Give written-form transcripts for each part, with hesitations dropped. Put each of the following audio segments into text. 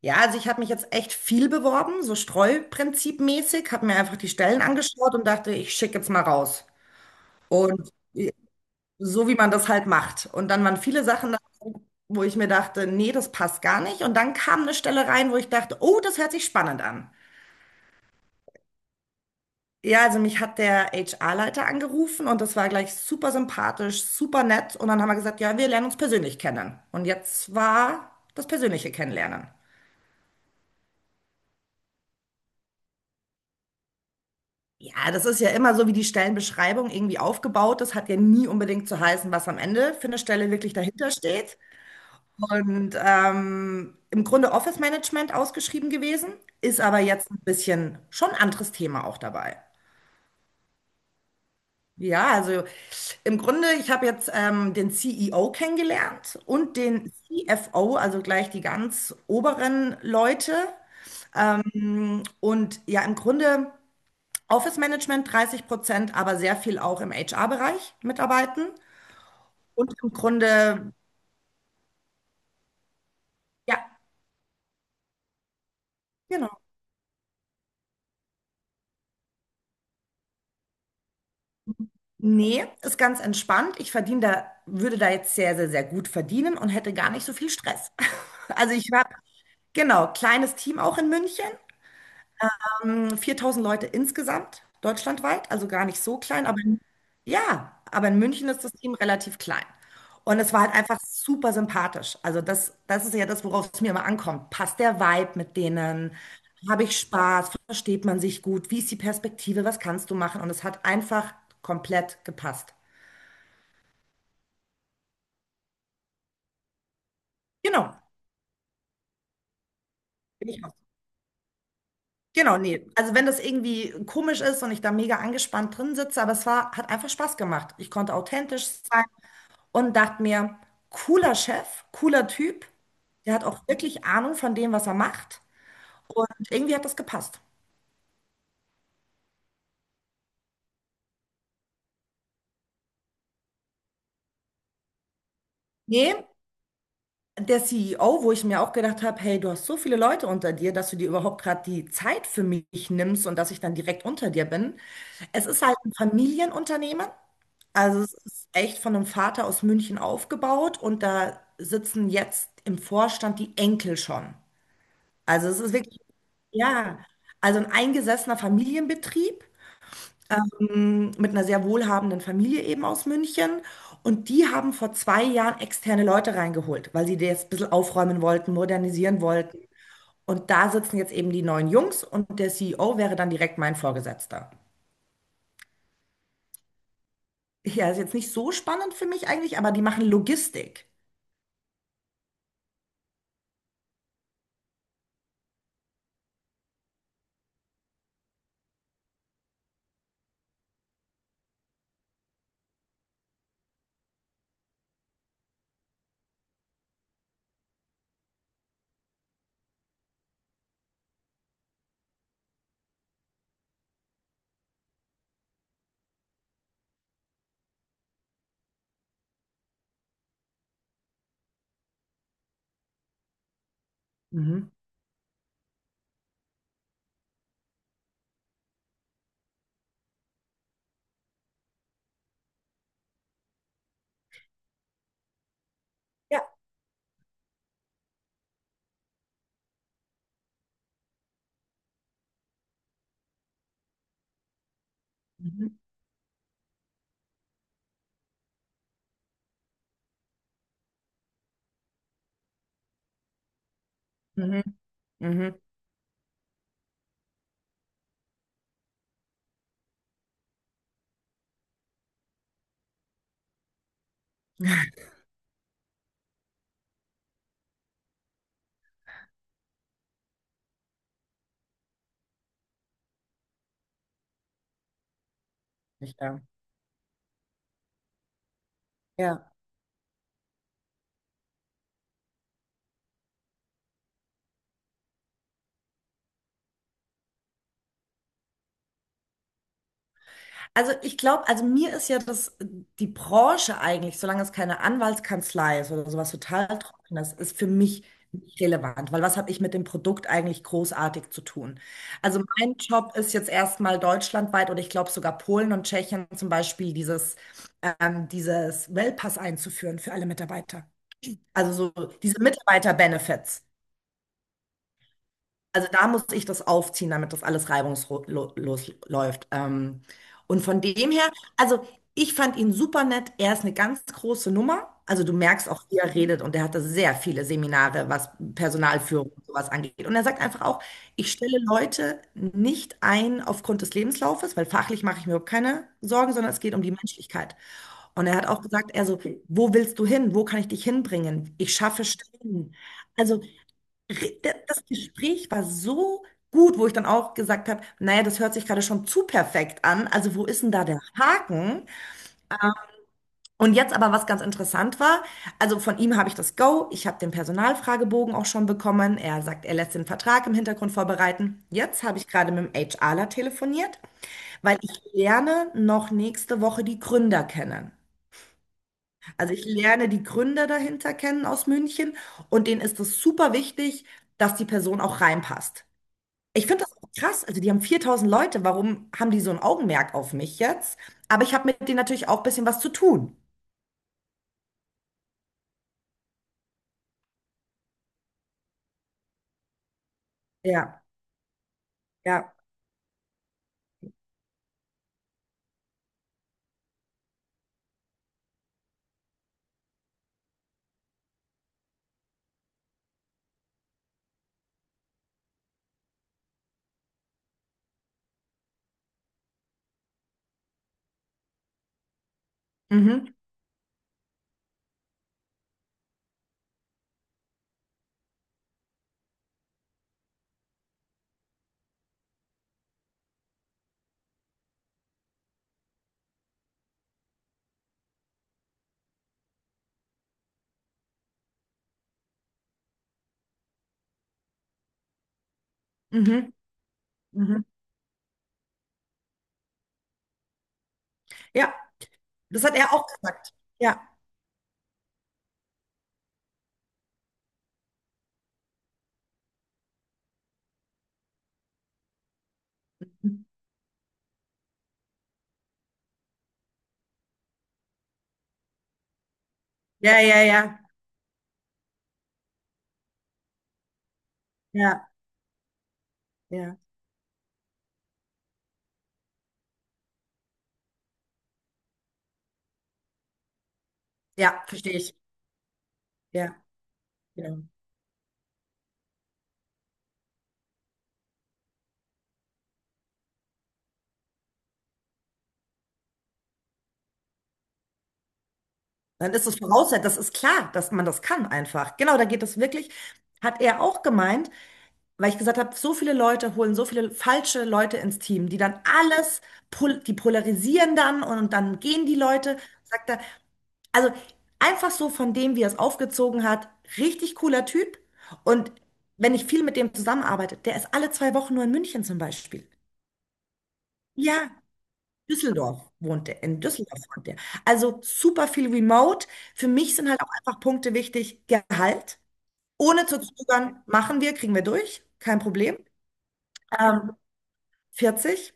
Ja, also ich habe mich jetzt echt viel beworben, so Streuprinzipmäßig, habe mir einfach die Stellen angeschaut und dachte, ich schicke jetzt mal raus. Und so wie man das halt macht. Und dann waren viele Sachen, dabei, wo ich mir dachte, nee, das passt gar nicht. Und dann kam eine Stelle rein, wo ich dachte, oh, das hört sich spannend an. Ja, also mich hat der HR-Leiter angerufen und das war gleich super sympathisch, super nett. Und dann haben wir gesagt, ja, wir lernen uns persönlich kennen. Und jetzt war das persönliche Kennenlernen. Ja, das ist ja immer so, wie die Stellenbeschreibung irgendwie aufgebaut ist. Hat ja nie unbedingt zu heißen, was am Ende für eine Stelle wirklich dahinter steht. Und im Grunde Office Management ausgeschrieben gewesen, ist aber jetzt ein bisschen schon anderes Thema auch dabei. Ja, also im Grunde, ich habe jetzt den CEO kennengelernt und den CFO, also gleich die ganz oberen Leute. Und ja, im Grunde. Office Management 30%, aber sehr viel auch im HR-Bereich mitarbeiten. Und im Grunde, ja, genau. Nee, ist ganz entspannt. Ich verdiene da, würde da jetzt sehr, sehr, sehr gut verdienen und hätte gar nicht so viel Stress. Also ich habe, genau, kleines Team auch in München. 4000 Leute insgesamt, deutschlandweit, also gar nicht so klein, aber in, ja, aber in München ist das Team relativ klein. Und es war halt einfach super sympathisch. Also das, das ist ja das, worauf es mir immer ankommt. Passt der Vibe mit denen? Habe ich Spaß? Versteht man sich gut? Wie ist die Perspektive? Was kannst du machen? Und es hat einfach komplett gepasst. Genau, bin ich auch. Genau, nee. Also wenn das irgendwie komisch ist und ich da mega angespannt drin sitze, aber es war, hat einfach Spaß gemacht. Ich konnte authentisch sein. Und dachte mir, cooler Chef, cooler Typ, der hat auch wirklich Ahnung von dem, was er macht. Und irgendwie hat das gepasst. Nee, der CEO, wo ich mir auch gedacht habe, hey, du hast so viele Leute unter dir, dass du dir überhaupt gerade die Zeit für mich nimmst und dass ich dann direkt unter dir bin. Es ist halt ein Familienunternehmen. Also es ist echt von einem Vater aus München aufgebaut und da sitzen jetzt im Vorstand die Enkel schon. Also es ist wirklich, ja, also ein eingesessener Familienbetrieb mit einer sehr wohlhabenden Familie eben aus München. Und die haben vor 2 Jahren externe Leute reingeholt, weil sie das ein bisschen aufräumen wollten, modernisieren wollten. Und da sitzen jetzt eben die neuen Jungs und der CEO wäre dann direkt mein Vorgesetzter. Ja, ist jetzt nicht so spannend für mich eigentlich, aber die machen Logistik. Mhm. Ja. Mhm. Mhm. Mhm. Ja. Ja. Also ich glaube, also mir ist ja das, die Branche eigentlich, solange es keine Anwaltskanzlei ist oder sowas total Trockenes, ist für mich nicht relevant, weil was habe ich mit dem Produkt eigentlich großartig zu tun? Also mein Job ist jetzt erstmal deutschlandweit oder ich glaube sogar Polen und Tschechien zum Beispiel dieses, dieses Wellpass einzuführen für alle Mitarbeiter. Also so diese Mitarbeiter-Benefits. Also da muss ich das aufziehen, damit das alles reibungslos läuft. Und von dem her, also ich fand ihn super nett. Er ist eine ganz große Nummer. Also du merkst auch, wie er redet und er hatte sehr viele Seminare, was Personalführung und sowas angeht. Und er sagt einfach auch, ich stelle Leute nicht ein aufgrund des Lebenslaufes, weil fachlich mache ich mir überhaupt keine Sorgen, sondern es geht um die Menschlichkeit. Und er hat auch gesagt, er so, wo willst du hin? Wo kann ich dich hinbringen? Ich schaffe Stellen. Also das Gespräch war so gut, wo ich dann auch gesagt habe, naja, das hört sich gerade schon zu perfekt an. Also wo ist denn da der Haken? Ähm, Und jetzt aber, was ganz interessant war, also von ihm habe ich das Go, ich habe den Personalfragebogen auch schon bekommen. Er sagt, er lässt den Vertrag im Hintergrund vorbereiten. Jetzt habe ich gerade mit dem HRler telefoniert, weil ich lerne noch nächste Woche die Gründer kennen. Also ich lerne die Gründer dahinter kennen aus München und denen ist es super wichtig, dass die Person auch reinpasst. Ich finde das auch krass. Also, die haben 4000 Leute. Warum haben die so ein Augenmerk auf mich jetzt? Aber ich habe mit denen natürlich auch ein bisschen was zu tun. Ja, ja. Mhm, mhm, mhm. Ja, das hat er auch gesagt. Ja, ja, ja, ja, ja, ja, ja, verstehe ich. Ja, ja. Dann ist es Voraussetzung, das ist klar, dass man das kann einfach. Genau, da geht es wirklich, hat er auch gemeint, weil ich gesagt habe, so viele Leute holen so viele falsche Leute ins Team, die dann alles, pol die polarisieren dann und dann gehen die Leute, sagt er. Also einfach so von dem, wie er es aufgezogen hat, richtig cooler Typ. Und wenn ich viel mit dem zusammenarbeite, der ist alle 2 Wochen nur in München zum Beispiel. Ja, Düsseldorf wohnt er, in Düsseldorf wohnt er. Also super viel Remote. Für mich sind halt auch einfach Punkte wichtig. Gehalt, ohne zu zögern, machen wir, kriegen wir durch, kein Problem. Ähm, 40,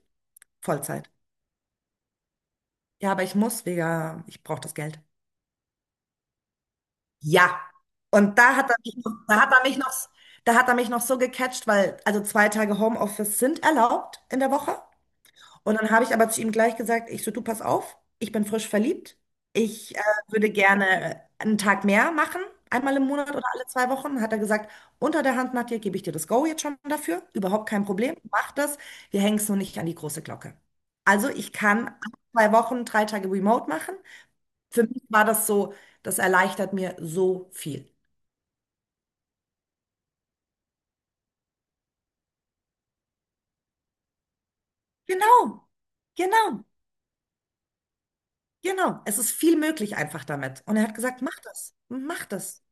Vollzeit. Ja, aber ich muss, wegen, ich brauche das Geld. Ja. Und da hat er mich noch, da hat er mich noch, da hat er mich noch so gecatcht, weil also 2 Tage Homeoffice sind erlaubt in der Woche. Und dann habe ich aber zu ihm gleich gesagt, ich so, du pass auf, ich bin frisch verliebt. Ich würde gerne einen Tag mehr machen, einmal im Monat oder alle 2 Wochen. Hat er gesagt, unter der Hand, Nadja, gebe ich dir das Go jetzt schon dafür. Überhaupt kein Problem, mach das. Wir hängen es nur nicht an die große Glocke. Also ich kann alle 2 Wochen, 3 Tage remote machen. Für mich war das so, das erleichtert mir so viel. Genau, genau, genau. Es ist viel möglich einfach damit. Und er hat gesagt, mach das, mach das.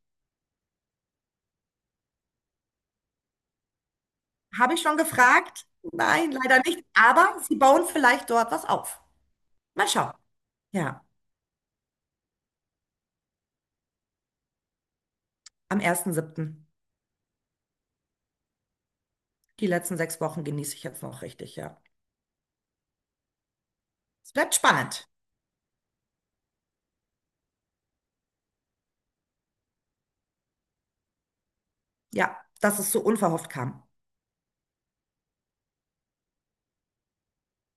Habe ich schon gefragt? Nein, leider nicht. Aber sie bauen vielleicht dort was auf. Mal schauen. Ja, am ersten siebten. Die letzten 6 Wochen genieße ich jetzt noch richtig, ja. Es bleibt spannend. Ja, dass es so unverhofft kam.